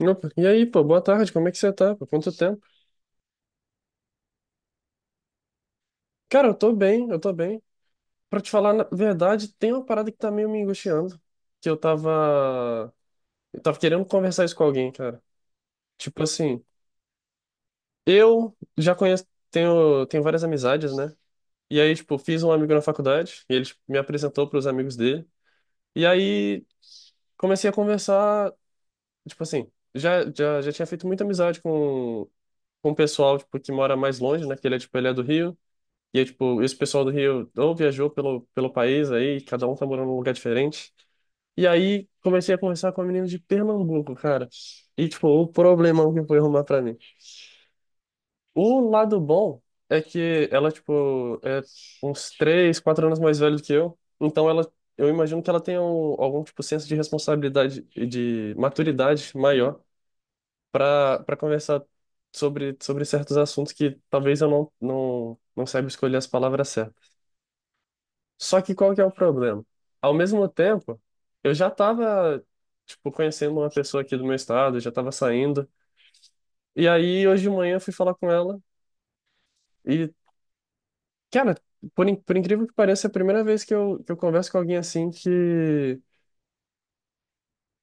Opa, e aí, pô, boa tarde, como é que você tá? Por quanto tempo? Cara, eu tô bem, eu tô bem. Pra te falar na verdade, tem uma parada que tá meio me angustiando, que eu tava querendo conversar isso com alguém, cara. Tipo assim, eu já conheço, tenho várias amizades, né? E aí, tipo, fiz um amigo na faculdade, e ele tipo, me apresentou pros amigos dele. E aí, comecei a conversar, tipo assim, já tinha feito muita amizade com o pessoal, tipo, que mora mais longe, né? Que ele é, tipo, ele é do Rio. E aí, tipo, esse pessoal do Rio ou viajou pelo país aí, cada um tá morando num lugar diferente. E aí comecei a conversar com a menina de Pernambuco, cara. E, tipo, o problemão que foi arrumar pra mim. O lado bom é que ela, tipo, é uns 3, 4 anos mais velha do que eu. Então ela, eu imagino que ela tenha algum tipo senso de responsabilidade e de maturidade maior pra para conversar sobre certos assuntos que talvez eu não saiba escolher as palavras certas. Só que qual que é o problema? Ao mesmo tempo, eu já tava, tipo, conhecendo uma pessoa aqui do meu estado, já tava saindo. E aí, hoje de manhã, eu fui falar com ela. E, cara, por incrível que pareça, é a primeira vez que eu converso com alguém assim que,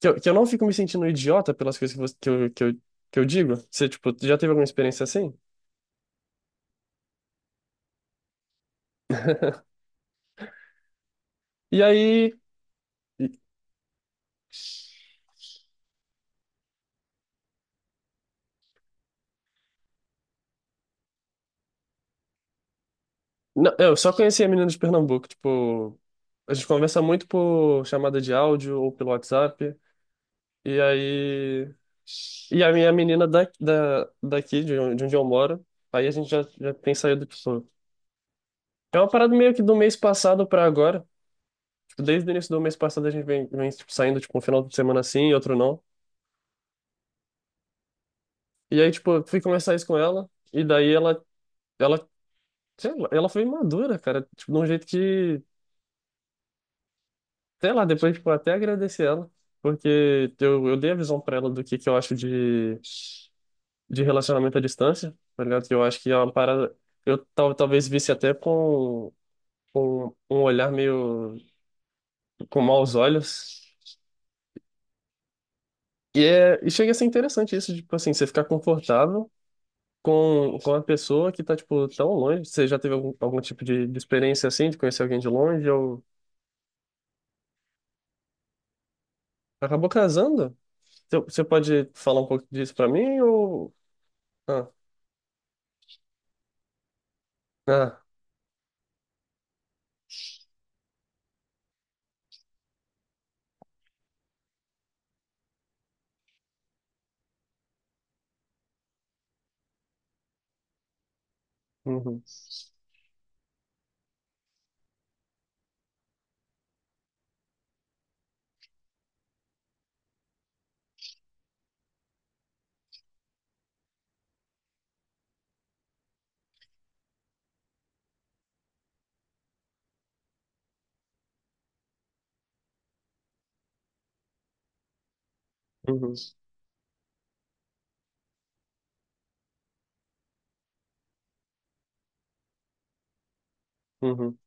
que, eu, que eu não fico me sentindo idiota pelas coisas que, você- que, eu, que, eu, que eu digo. Você, tipo, já teve alguma experiência assim? E aí, e- não, eu só conheci a menina de Pernambuco, tipo, a gente conversa muito por chamada de áudio ou pelo WhatsApp. E aí. E a minha menina daqui, de onde eu moro, aí a gente já tem saído com isso. É uma parada meio que do mês passado pra agora. Tipo, desde o início do mês passado a gente vem tipo, saindo, tipo, um final de semana assim e outro não. E aí, tipo, eu fui conversar isso com ela, e daí ela, sei lá, ela foi madura, cara, tipo, de um jeito que, sei lá, depois, tipo, até agradeci ela, porque eu dei a visão pra ela do que eu acho de relacionamento à distância, tá ligado? Que eu acho que é uma parada. Eu talvez visse até com um olhar meio com maus olhos. E chega a ser interessante isso, tipo assim, você ficar confortável com a pessoa que tá, tipo, tão longe. Você já teve algum tipo de experiência assim, de conhecer alguém de longe, ou acabou casando? Você pode falar um pouco disso pra mim, ou... Ah, ah, uhum, uhum, uhum,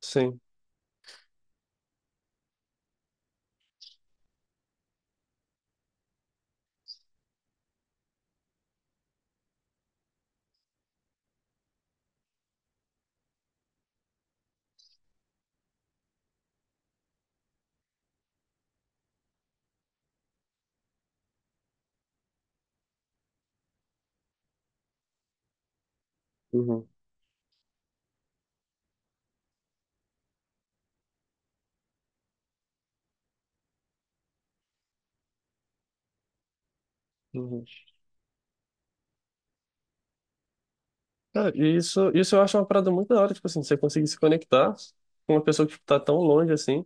sim, uhum, uhum. Cara, e isso, eu acho uma parada muito da hora, tipo assim, você conseguir se conectar com uma pessoa que tipo, tá tão longe assim.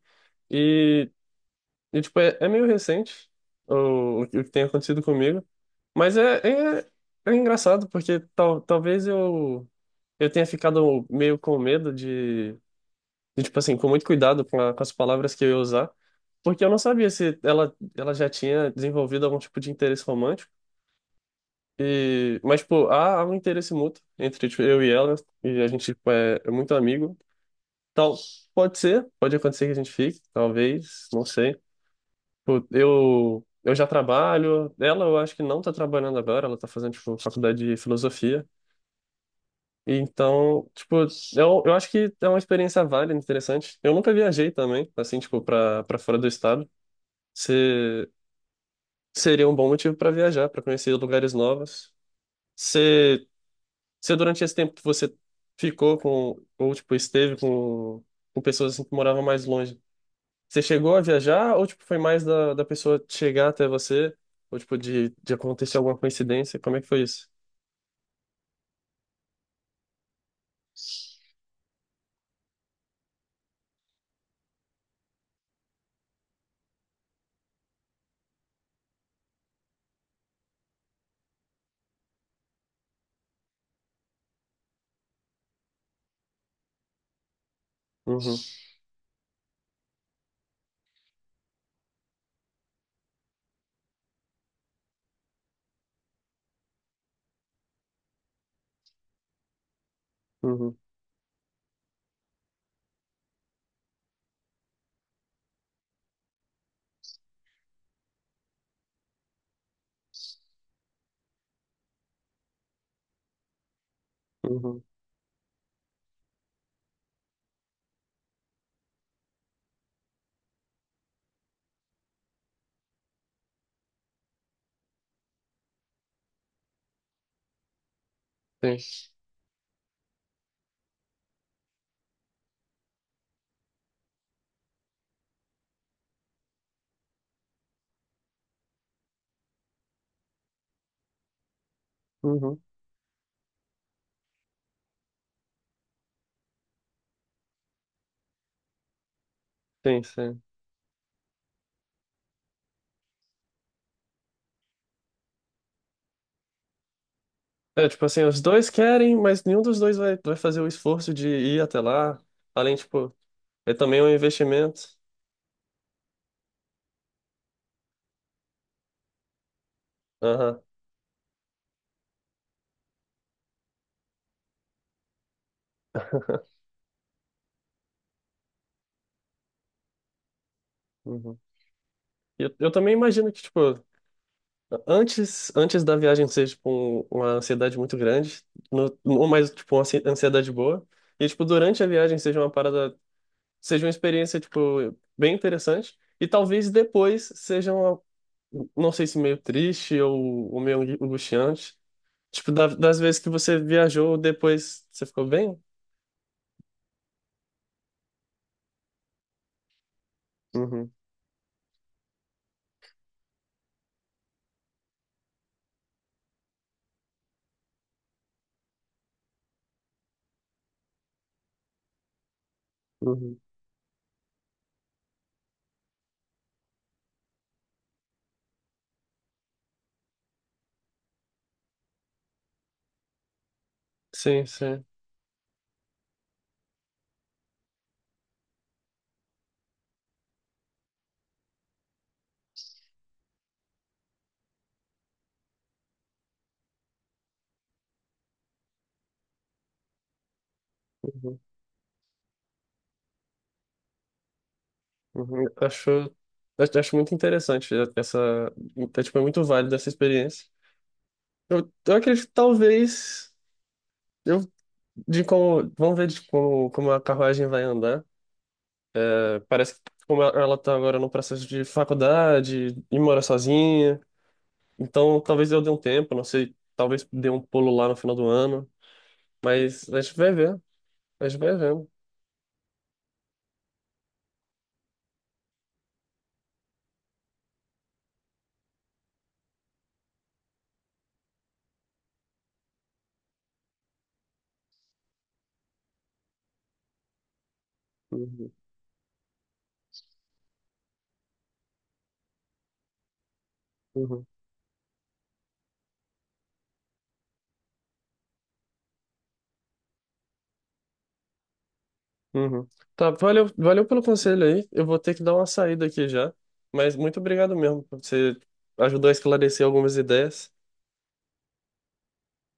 E, e tipo, é meio recente o que tem acontecido comigo. Mas é, é, é, engraçado, porque talvez eu tenha ficado meio com medo de, tipo assim, com muito cuidado com as palavras que eu ia usar. Porque eu não sabia se ela já tinha desenvolvido algum tipo de interesse romântico. E, mas, tipo, há um interesse mútuo entre, tipo, eu e ela, e a gente, tipo, é muito amigo. Tal, pode ser, pode acontecer que a gente fique, talvez, não sei. Tipo, eu já trabalho, ela eu acho que não tá trabalhando agora, ela tá fazendo, tipo, faculdade de filosofia. E então, tipo, eu acho que é uma experiência válida, interessante. Eu nunca viajei também, assim, tipo, pra fora do estado. Se, seria um bom motivo pra viajar, pra conhecer lugares novos. Você Você, durante esse tempo que você ficou ou, tipo, esteve com pessoas assim que moravam mais longe, você chegou a viajar ou, tipo, foi mais da pessoa chegar até você? Ou, tipo, de acontecer alguma coincidência? Como é que foi isso? Uhum, uhum, uhum, tem. Uhum, tem, sim. É, tipo assim, os dois querem, mas nenhum dos dois vai fazer o esforço de ir até lá. Além, tipo, é também um investimento. Aham, uhum. E eu também imagino que, tipo, Antes da viagem ser, tipo, uma ansiedade muito grande, no, ou mais, tipo, uma ansiedade boa, e, tipo, durante a viagem seja uma parada, seja uma experiência, tipo, bem interessante, e talvez depois seja uma, não sei se meio triste ou meio angustiante, tipo, das vezes que você viajou, depois você ficou bem? Uhum, uhum. Sim, sim. Uhum, uhum. Acho muito interessante essa, é, tipo, é muito válida essa experiência. Eu acredito que talvez eu de como vamos ver de como a carruagem vai andar. É, parece que como ela tá agora no processo de faculdade e mora sozinha, então talvez eu dê um tempo, não sei, talvez dê um pulo lá no final do ano, mas a gente vai ver, a gente vai vendo. Uhum, uhum, uhum. Tá, valeu, valeu pelo conselho aí. Eu vou ter que dar uma saída aqui já, mas muito obrigado mesmo, você ajudou a esclarecer algumas ideias.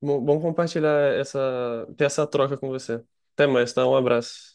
Bom compartilhar essa, ter essa troca com você. Até mais, tá? Um abraço.